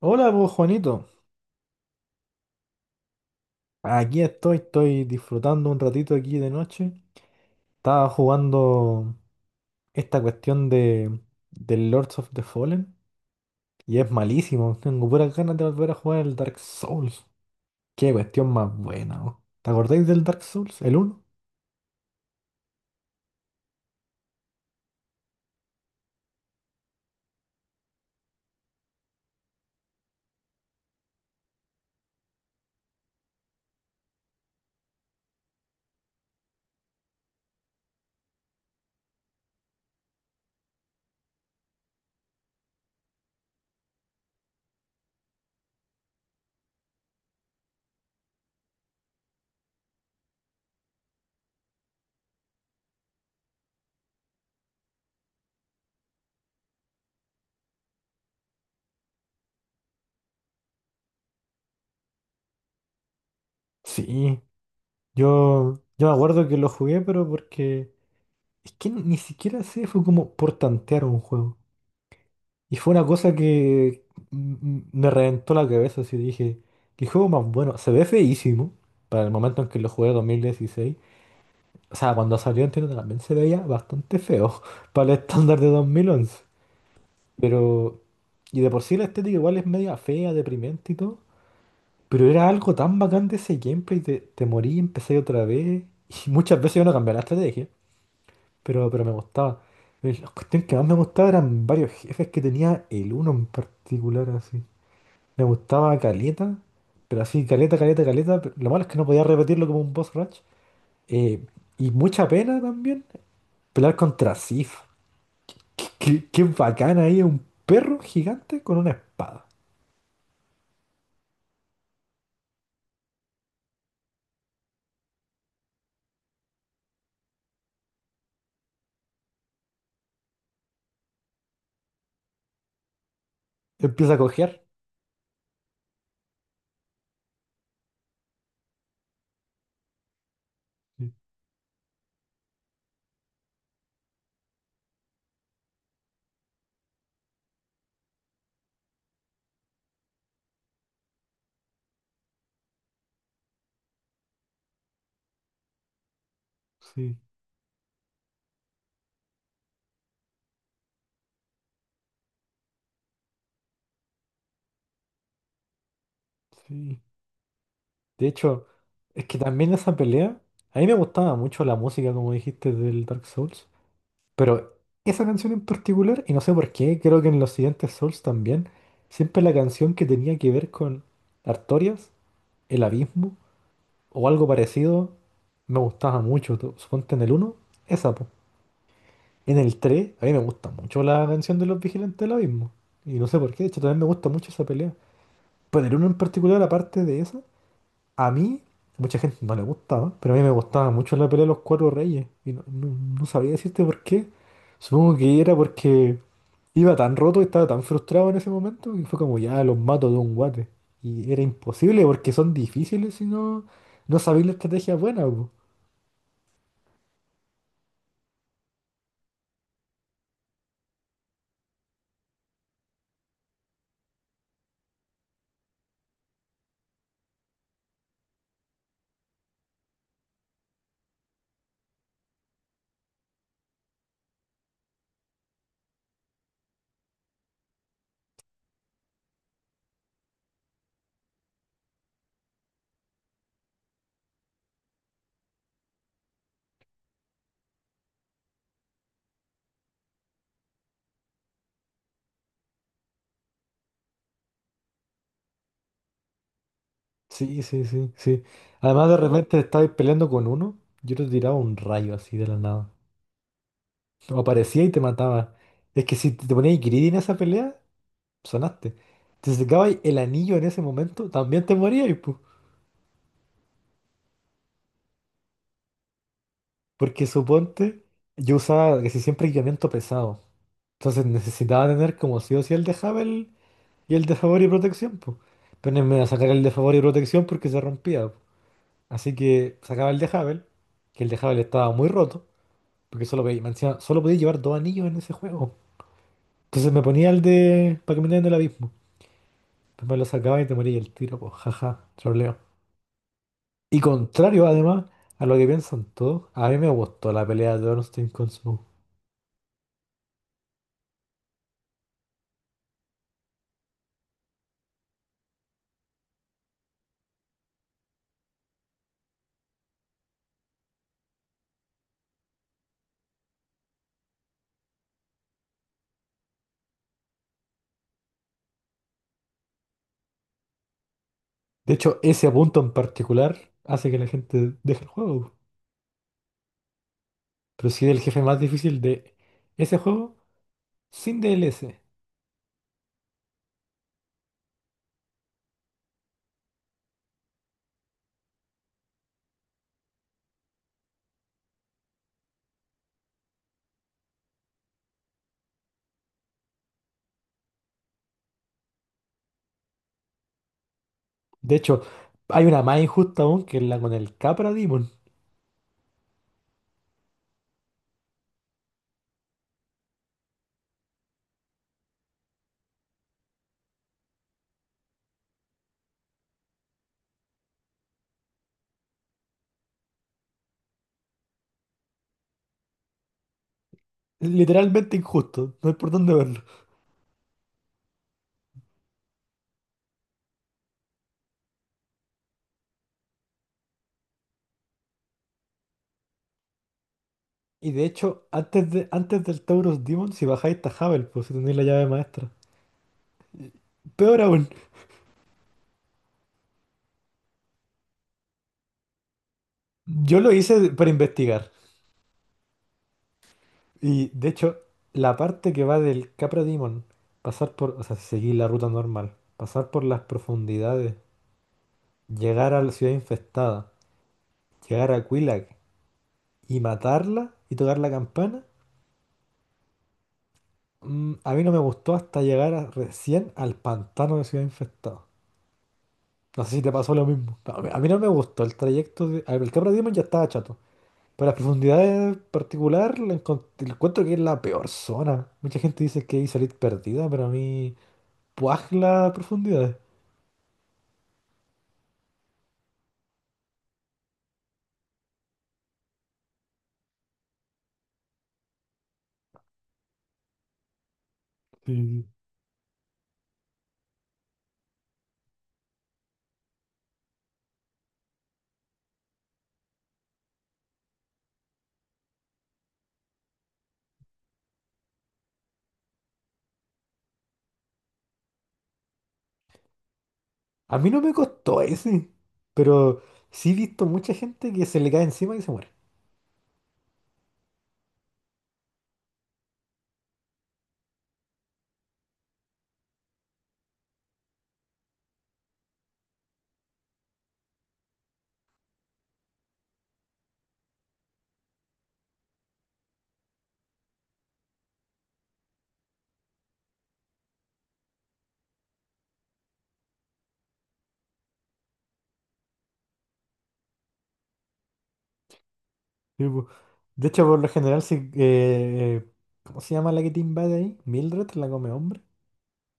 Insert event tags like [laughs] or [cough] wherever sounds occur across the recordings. Hola, pues Juanito. Aquí estoy disfrutando un ratito aquí de noche. Estaba jugando esta cuestión de del Lords of the Fallen y es malísimo. Tengo puras ganas de volver a jugar el Dark Souls. Qué cuestión más buena, oh. ¿Te acordáis del Dark Souls? ¿El uno? Sí. Yo me acuerdo que lo jugué, pero porque es que ni siquiera sé, fue como por tantear un juego. Y fue una cosa que m- me reventó la cabeza, así dije, qué juego más bueno. Se ve feísimo para el momento en que lo jugué 2016. O sea, cuando salió entiendo también se veía bastante feo [laughs] para el estándar de 2011. Pero, y de por sí la estética igual es media fea, deprimente y todo. Pero era algo tan bacán de ese gameplay, te morí, empecé otra vez. [laughs] Y muchas veces yo no cambiaba la estrategia, pero me gustaba. Y la cuestión que más me gustaba eran varios jefes que tenía el uno en particular así. Me gustaba caleta, pero así, caleta, caleta, caleta. Lo malo es que no podía repetirlo como un boss rush. Eh, y mucha pena también pelear contra Sif. Qué bacán ahí, un perro gigante con una espada. Empieza a cojear. Sí, sí, sí. De hecho, es que también esa pelea, a mí me gustaba mucho la música, como dijiste, del Dark Souls, pero esa canción en particular, y no sé por qué, creo que en los siguientes Souls también, siempre la canción que tenía que ver con Artorias, El Abismo o algo parecido me gustaba mucho. Suponte en el uno esa, po. En el 3 a mí me gusta mucho la canción de los Vigilantes del Abismo. Y no sé por qué, de hecho también me gusta mucho esa pelea. Pero en el uno en particular, aparte de esa, a mí, mucha gente no le gustaba, pero a mí me gustaba mucho la pelea de los Cuatro Reyes. Y no sabría decirte por qué. Supongo que era porque iba tan roto y estaba tan frustrado en ese momento que fue como ya los mato de un guate. Y era imposible porque son difíciles si no, no sabéis la estrategia buena, po. Sí, sí, sí, sí. Además de repente estabais peleando con uno, yo te tiraba un rayo así de la nada. O aparecía y te mataba. Es que si te ponías greedy en esa pelea, sonaste. Te sacabas el anillo en ese momento, también te morías, pues. Porque suponte, yo usaba casi siempre equipamiento pesado. Entonces necesitaba tener como sí o sí el de Havel y el de favor y protección, pues. Pero no me iba a sacar el de favor y protección porque se rompía, po. Así que sacaba el de Havel, que el de Havel estaba muy roto, porque solo podía, me decía solo podía llevar dos anillos en ese juego. Entonces me ponía el de para caminar en el abismo. Pues me lo sacaba y te moría el tiro, pues, jaja, troleo. Y contrario, además, a lo que piensan todos, a mí me gustó la pelea de Ornstein con Smough. De hecho, ese punto en particular hace que la gente deje el juego. Pero sí, el jefe más difícil de ese juego sin DLC. De hecho, hay una más injusta aún que es la con el Capra Demon. Literalmente injusto, no hay por dónde verlo. Y de hecho, antes del Taurus Demon, si bajáis está Havel, pues si tenéis la llave maestra. Peor aún, yo lo hice para investigar. Y de hecho, la parte que va del Capra Demon, pasar por, o sea, seguir la ruta normal, pasar por las profundidades, llegar a la ciudad infestada, llegar a Quilac y matarla y tocar la campana, a mí no me gustó hasta llegar recién al pantano de ciudad infestada. No sé si te pasó lo mismo. A mí no me gustó el trayecto de, a ver, el Capra Demon ya estaba chato. Pero las profundidades en particular, la encuentro que es la peor zona. Mucha gente dice que hay salir perdida, pero a mí. Puaj la profundidad. Sí. A mí no me costó ese, pero sí he visto mucha gente que se le cae encima y se muere. Sí, po. De hecho, por lo general, ¿cómo se llama la que te invade ahí? Mildred, la come hombre.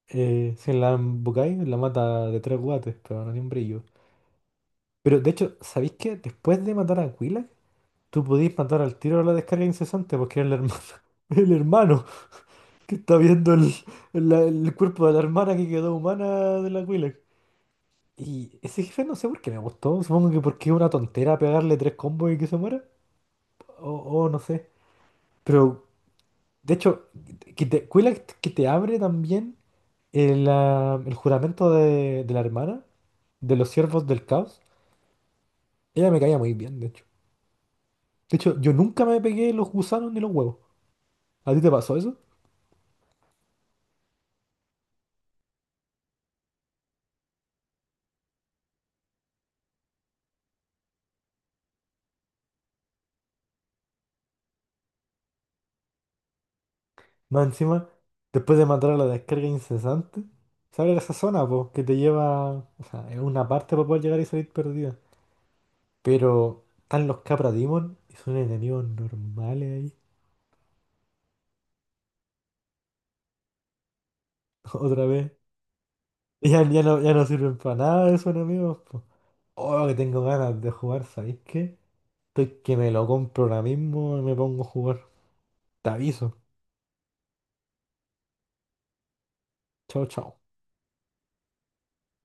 Si la embocáis, la mata de tres guates, pero no tiene un brillo. Pero de hecho, ¿sabéis que después de matar a Aquila, tú podéis matar al tiro a la descarga incesante porque era el hermano? [laughs] El hermano que está viendo el- el cuerpo de la hermana que quedó humana de la Aquila. Y ese jefe no sé por qué me gustó. Supongo que porque es una tontera pegarle tres combos y que se muera. O, o no sé. Pero, de hecho, cuela que te abre también el juramento de la hermana, de los siervos del caos. Ella me caía muy bien, de hecho. De hecho, yo nunca me pegué los gusanos ni los huevos. ¿A ti te pasó eso? Más encima, después de matar a la descarga incesante, se esa zona, po, que te lleva, o sea, es una parte para poder llegar y salir perdido. Pero están los Capra Demon y son enemigos normales ahí. [laughs] Otra vez. Ya no, ya no sirven para nada esos enemigos, po. Oh, que tengo ganas de jugar, ¿sabéis qué? Estoy que me lo compro ahora mismo y me pongo a jugar. Te aviso. Chao, chao.